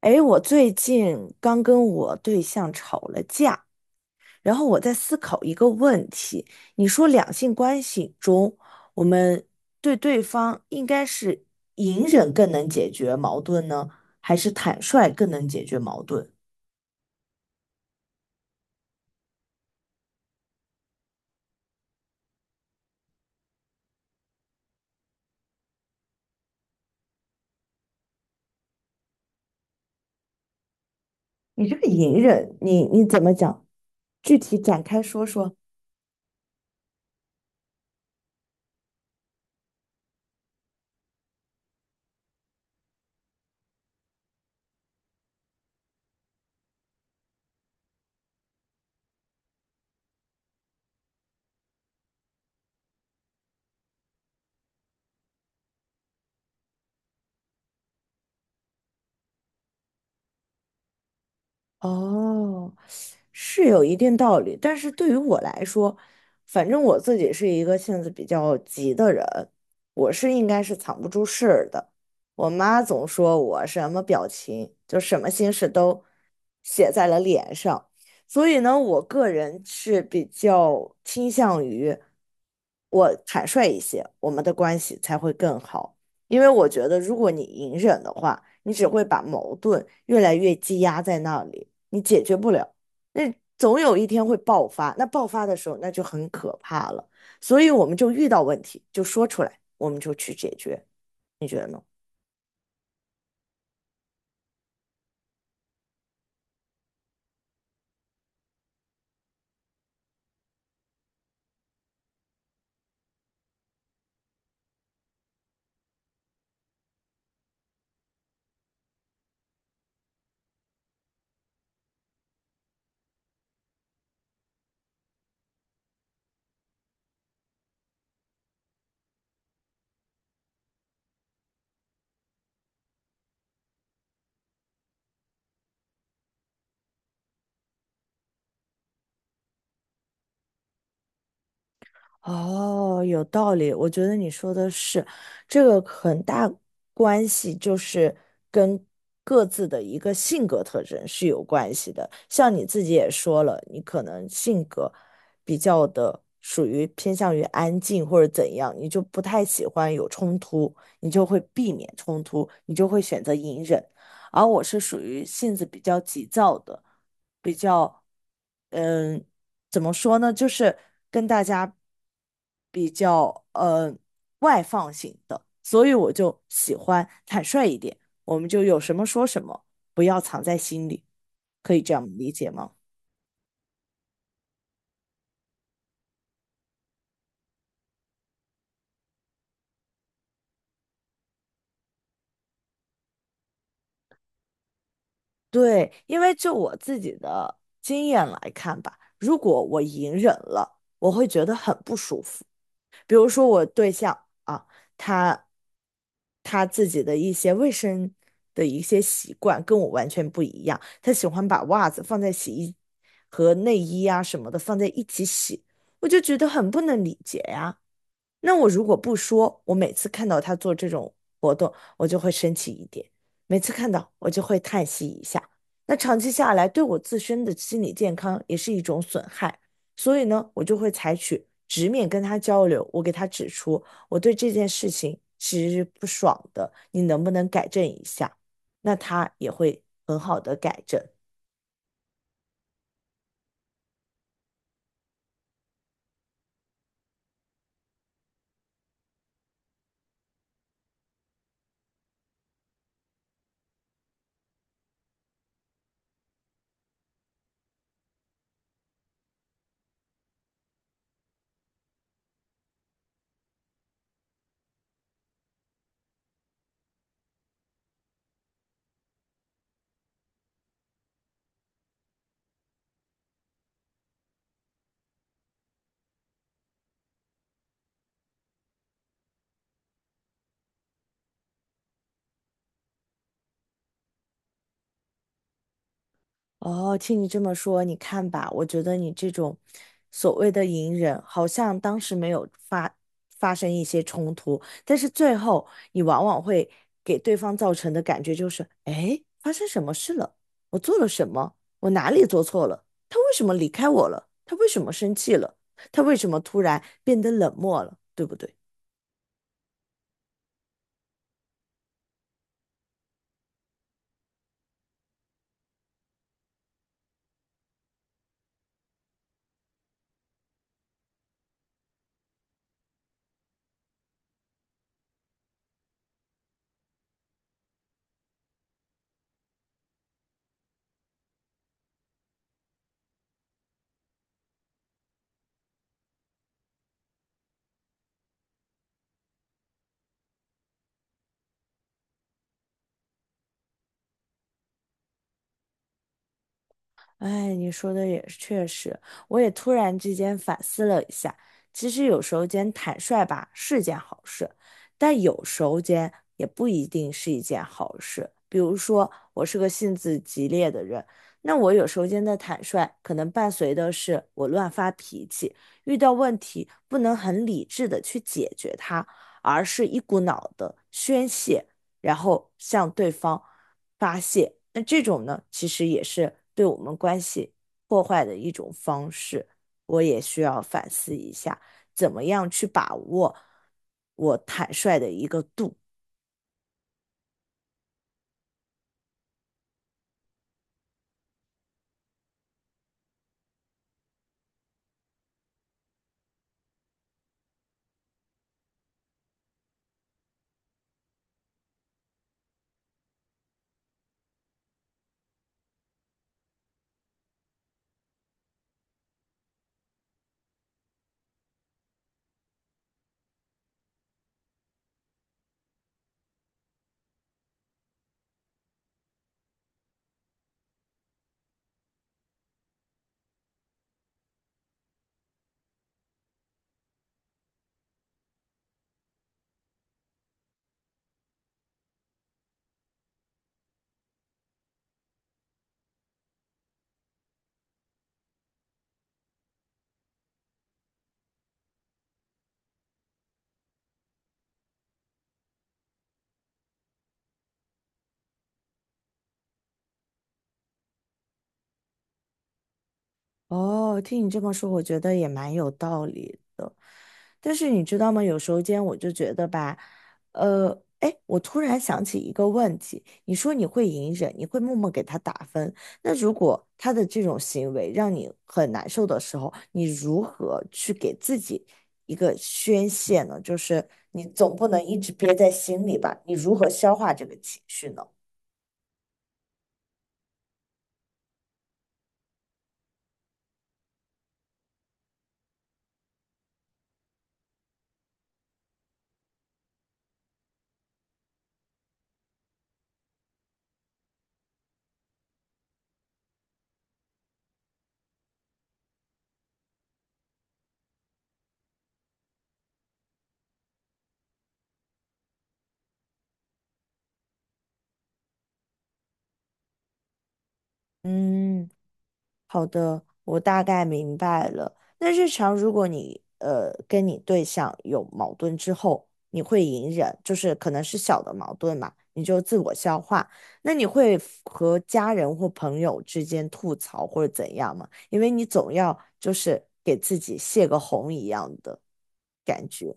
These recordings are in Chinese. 哎，我最近刚跟我对象吵了架，然后我在思考一个问题：你说两性关系中，我们对对方应该是隐忍更能解决矛盾呢，还是坦率更能解决矛盾？你这个隐忍，你怎么讲？具体展开说说。哦，是有一定道理，但是对于我来说，反正我自己是一个性子比较急的人，我是应该是藏不住事儿的。我妈总说我什么表情，就什么心事都写在了脸上，所以呢，我个人是比较倾向于我坦率一些，我们的关系才会更好。因为我觉得，如果你隐忍的话，你只会把矛盾越来越积压在那里，你解决不了，那总有一天会爆发。那爆发的时候，那就很可怕了。所以我们就遇到问题就说出来，我们就去解决，你觉得呢？哦，有道理，我觉得你说的是，这个很大关系就是跟各自的一个性格特征是有关系的。像你自己也说了，你可能性格比较的属于偏向于安静或者怎样，你就不太喜欢有冲突，你就会避免冲突，你就会选择隐忍。而我是属于性子比较急躁的，比较。嗯。怎么说呢？就是跟大家比较外放型的，所以我就喜欢坦率一点，我们就有什么说什么，不要藏在心里，可以这样理解吗？对，因为就我自己的经验来看吧，如果我隐忍了，我会觉得很不舒服。比如说我对象啊，他他自己的一些卫生的一些习惯跟我完全不一样，他喜欢把袜子放在洗衣和内衣啊什么的放在一起洗，我就觉得很不能理解呀。那我如果不说，我每次看到他做这种活动，我就会生气一点；每次看到，我就会叹息一下。那长期下来，对我自身的心理健康也是一种损害。所以呢，我就会采取直面跟他交流，我给他指出我对这件事情其是不爽的，你能不能改正一下？那他也会很好的改正。哦，听你这么说，你看吧，我觉得你这种所谓的隐忍，好像当时没有发生一些冲突，但是最后你往往会给对方造成的感觉就是，哎，发生什么事了？我做了什么？我哪里做错了？他为什么离开我了？他为什么生气了？他为什么突然变得冷漠了？对不对？哎，你说的也是确实，我也突然之间反思了一下，其实有时候间坦率吧是件好事，但有时候间也不一定是一件好事。比如说，我是个性子急烈的人，那我有时候间的坦率，可能伴随的是我乱发脾气，遇到问题不能很理智的去解决它，而是一股脑的宣泄。然后向对方发泄。那这种呢，其实也是对我们关系破坏的一种方式。我也需要反思一下，怎么样去把握我坦率的一个度。哦，听你这么说，我觉得也蛮有道理的。但是你知道吗？有时候间我就觉得吧，呃，哎，我突然想起一个问题，你说你会隐忍，你会默默给他打分，那如果他的这种行为让你很难受的时候，你如何去给自己一个宣泄呢？就是你总不能一直憋在心里吧？你如何消化这个情绪呢？嗯。好的，我大概明白了。那日常如果你跟你对象有矛盾之后，你会隐忍，就是可能是小的矛盾嘛，你就自我消化。那你会 和家人或朋友之间吐槽或者怎样吗？因为你总要就是给自己泄个洪一样的感觉。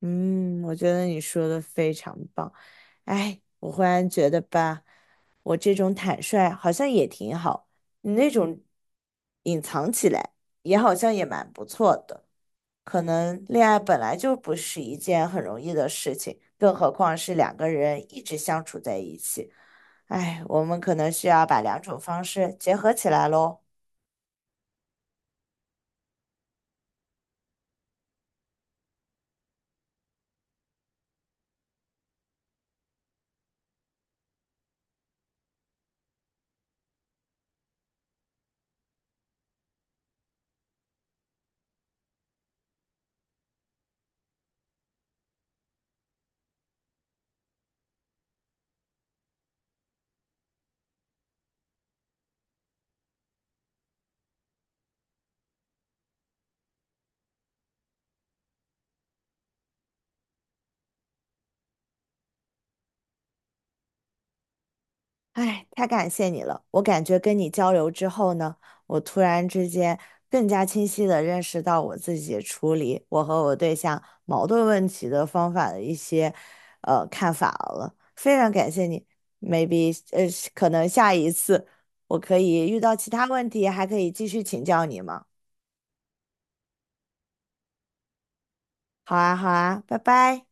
嗯，我觉得你说的非常棒。哎，我忽然觉得吧，我这种坦率好像也挺好，你那种隐藏起来也好像也蛮不错的。可能恋爱本来就不是一件很容易的事情，更何况是两个人一直相处在一起。哎，我们可能需要把两种方式结合起来喽。哎，太感谢你了！我感觉跟你交流之后呢，我突然之间更加清晰地认识到我自己处理我和我对象矛盾问题的方法的一些看法了。非常感谢你，maybe 可能下一次我可以遇到其他问题，还可以继续请教你吗？好啊，好啊，拜拜。